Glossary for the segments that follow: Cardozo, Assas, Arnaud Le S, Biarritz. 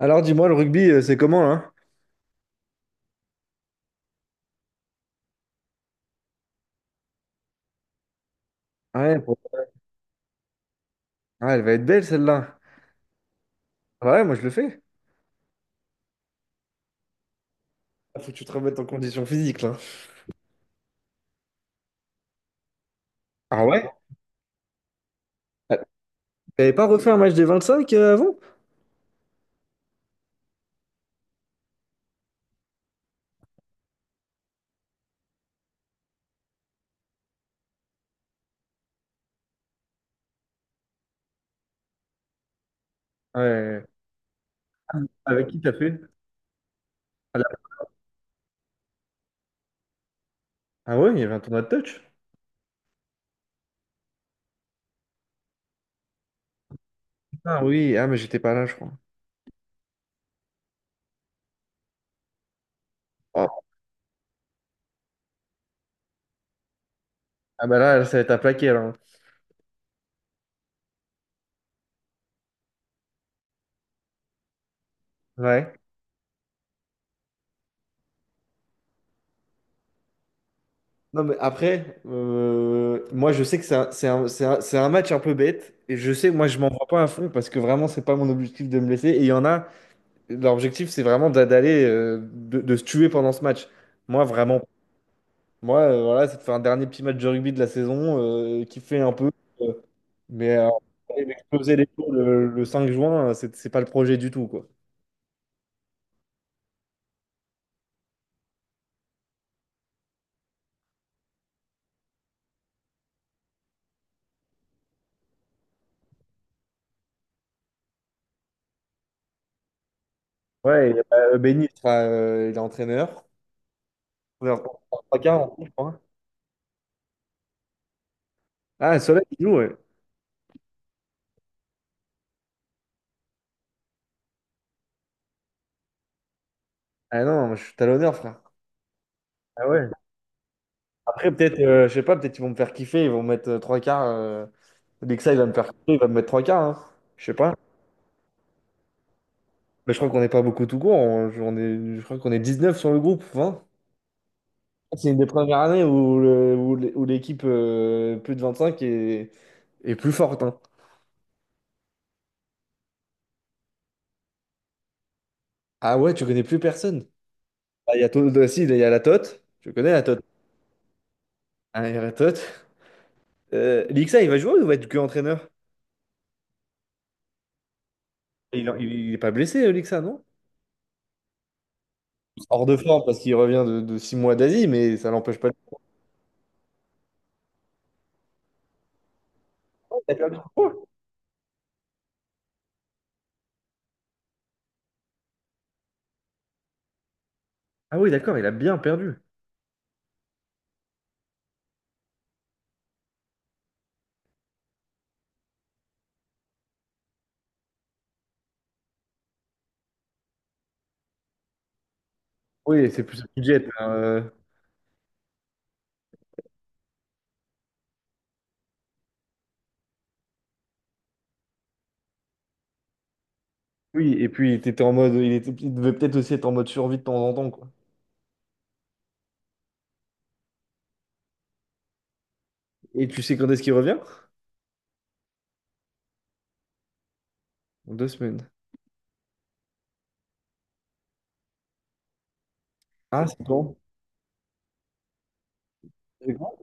Alors dis-moi, le rugby, c'est comment là? Ah ouais, ah, elle va être belle celle-là. Ah ouais, moi je le fais. Ah, faut que tu te remettes en condition physique là. Ah ouais? Ah, t'avais pas refait un match des 25 avant? Ouais. Avec qui t'as fait? À la- Ah ouais, il y avait un tournoi de touch? Ah oui, ah mais j'étais pas là, je crois. Oh. Ah bah là, ça va être à plaquer alors. Ouais. Non mais après, moi je sais que c'est un match un peu bête et je sais que moi je m'en vois pas à fond parce que vraiment c'est pas mon objectif de me blesser et il y en a. L'objectif, c'est vraiment d'aller, de se tuer pendant ce match. Moi, vraiment, moi, voilà, c'est de faire un dernier petit match de rugby de la saison, kiffer un peu. euh, mais aller m'exploser les tours le 5 juin, c'est pas le projet du tout, quoi. Ouais, et, Benny, il sera, il est entraîneur. On est en- En 3 en tout, je crois. Ah, Soleil, il joue, ouais. Ah non, je suis talonneur, frère. Ah ouais. Après, peut-être, je sais pas, peut-être ils vont me faire kiffer, ils vont me mettre 3 quarts. Lexa, il va me faire kiffer, il va me mettre 3 quarts, hein. Je sais pas. Mais je crois qu'on n'est pas beaucoup tout court. On est, je crois qu'on est 19 sur le groupe, 20. C'est une des premières années où l'équipe plus de 25 est plus forte, hein. Ah ouais, tu connais plus personne. Ah, Il y a, To- ah, si, il y a la Tote. Je connais la Tote. Ah, il y a la Tote. Lixa, il va jouer ou va être que entraîneur? Il, il est pas blessé, Lixa, non? Hors de forme parce qu'il revient de 6 mois d'Asie, mais ça l'empêche pas de... Il a perdu. Ah oui, d'accord, il a bien perdu. Oui, c'est plus un budget. Oui, et puis il était en mode, il était, il devait peut-être aussi être en mode survie de temps en temps, quoi. Et tu sais quand est-ce qu'il revient? Dans 2 semaines. Ah, c'est quand? C'est quand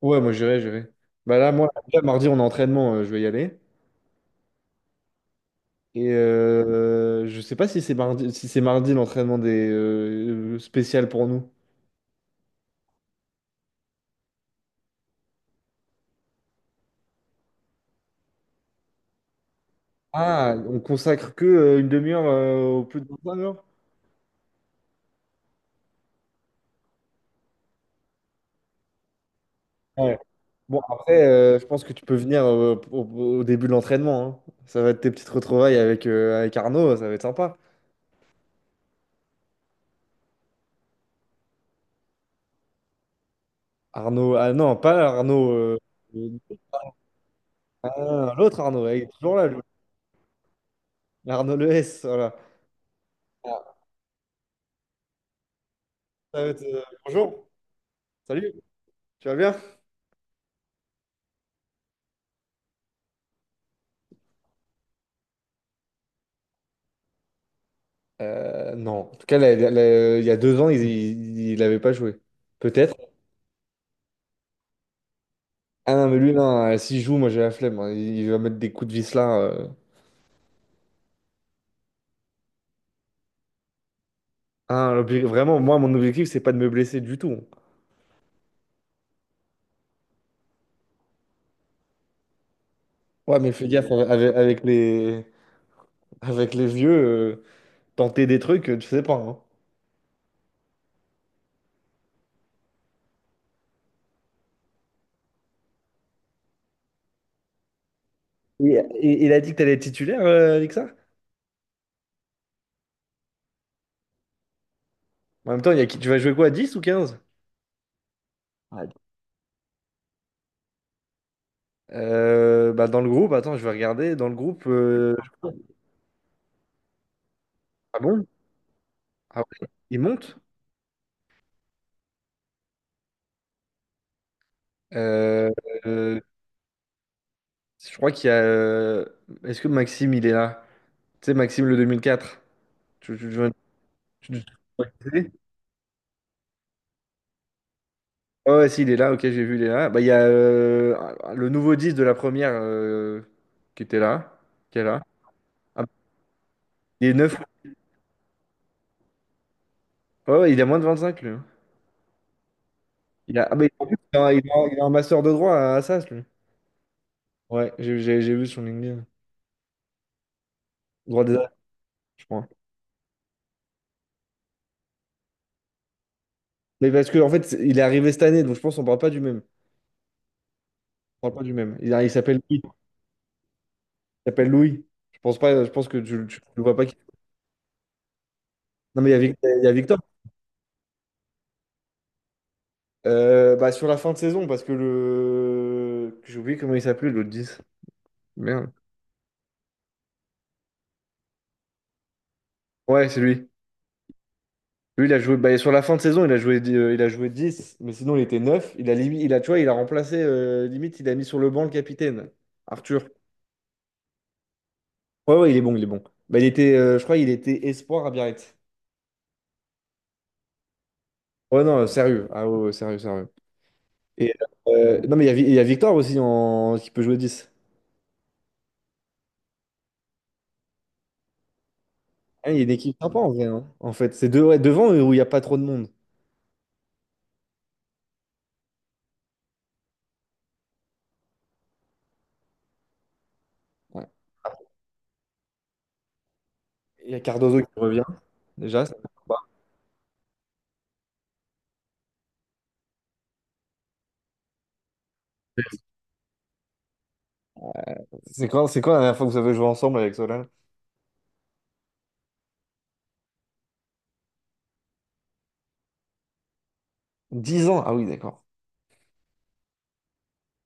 ouais, moi j'irai, j'irai. Bah là, moi, là, mardi, on a entraînement, je vais y aller. Et je sais pas si c'est mardi, si c'est mardi l'entraînement des spécial pour nous. Ah, on consacre que une demi-heure au plus de 25 heures? Ouais. Bon, après, je pense que tu peux venir au, au début de l'entraînement, hein. Ça va être tes petites retrouvailles avec, avec Arnaud, ça va être sympa. Arnaud, ah non, pas Arnaud. Euh, ah, l'autre Arnaud, il est toujours là, lui. Arnaud Le S, voilà. Ah, ça va être, bonjour, salut, tu vas bien? Non, en tout cas, il y a 2 ans, il n'avait pas joué. Peut-être. Ah non, mais lui, non, s'il joue, moi j'ai la flemme, hein. Il va mettre des coups de vis là, euh. Ah, vraiment, moi, mon objectif, c'est pas de me blesser du tout. Ouais, mais fais gaffe avec, avec les vieux, tenter des trucs, tu sais pas, hein. Et- et- il a dit que t'allais être titulaire, avec. En même temps, il y a qui- tu vas jouer quoi, dix ou quinze? Ouais. Bah dans le groupe, attends, je vais regarder. Dans le groupe, ah bon? Ah ouais, il monte? Euh, euh, je crois qu'il y a, est-ce que Maxime, il est là? Tu sais, Maxime le 2004. Tu, tu- tu- tu- tu- Ah ouais, si, il est là, ok, j'ai vu, il est là. Bah, il y a le nouveau 10 de la première qui était là. Qui est là. Ah, il est 9. Ouais, ouais, il a moins de 25, lui, hein. Il a, ah, bah, il, en plus, il a, il a- il a un master de droit à Assas, lui. Ouais, j'ai vu son LinkedIn. Droit des ouais, arts, je crois. Mais parce que en fait, il est arrivé cette année, donc je pense qu'on parle pas du même. On parle pas du même. Il s'appelle Louis. Il s'appelle Louis. Je pense pas, je pense que tu le vois pas. Non, mais il y a, il y a Victor. Bah, sur la fin de saison, parce que le, j'ai oublié comment il s'appelait, l'autre 10. Merde. Ouais, c'est lui. Lui, il a joué. Bah, sur la fin de saison, il a joué, il a joué dix, mais sinon, il était 9. Il a, il a, tu vois, il a remplacé, limite, il a mis sur le banc le capitaine, Arthur. Ouais, ouais, il est bon, il est bon. Bah, il était, je crois, il était espoir à Biarritz. Ouais, non, sérieux. Ah ouais, ouais, sérieux, sérieux. Et, non, mais il y a, il y a Victor aussi en... qui peut jouer dix. Hein, il y a une équipe sympa en vrai, hein, en fait. Ouais, devant où il n'y a pas trop de monde. Ouais. Il y a Cardozo qui revient, déjà. Ça c'est quoi, c'est quoi la dernière fois que vous avez joué ensemble avec Solal? 10 ans. Ah oui, d'accord.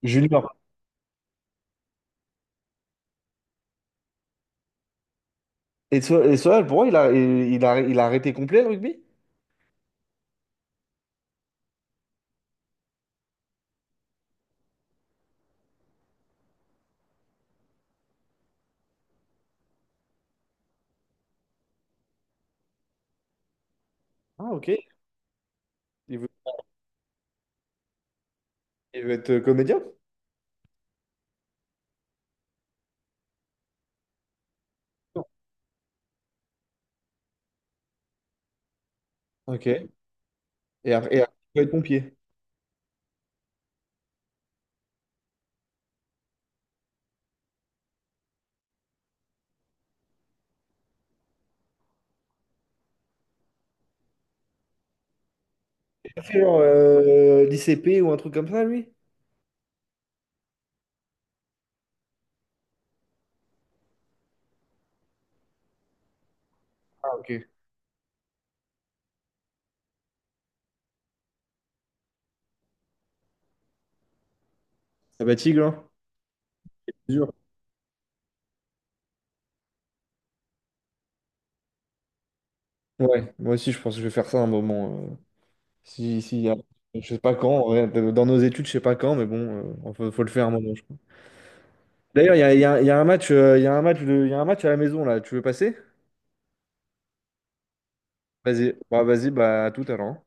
Junior. Et, et Solal, pour moi, il a arrêté complet le rugby? Ah, ok. Il veut, il veut être comédien? Non. Ok. Et après, il veut être pompier. Il a fait genre l'I C P ou un truc comme ça, lui? Ah, ok. Ça va, Tigre, hein? Ouais, moi aussi je pense que je vais faire ça un moment. Euh, si, si, je sais pas quand, ouais, dans nos études, je sais pas quand, mais bon, enfin, faut, faut le faire un moment, je crois. D'ailleurs, il y a, il y a un match, il y a un match, il y a un match à la maison là, tu veux passer? Vas-y, bah à tout à l'heure, hein.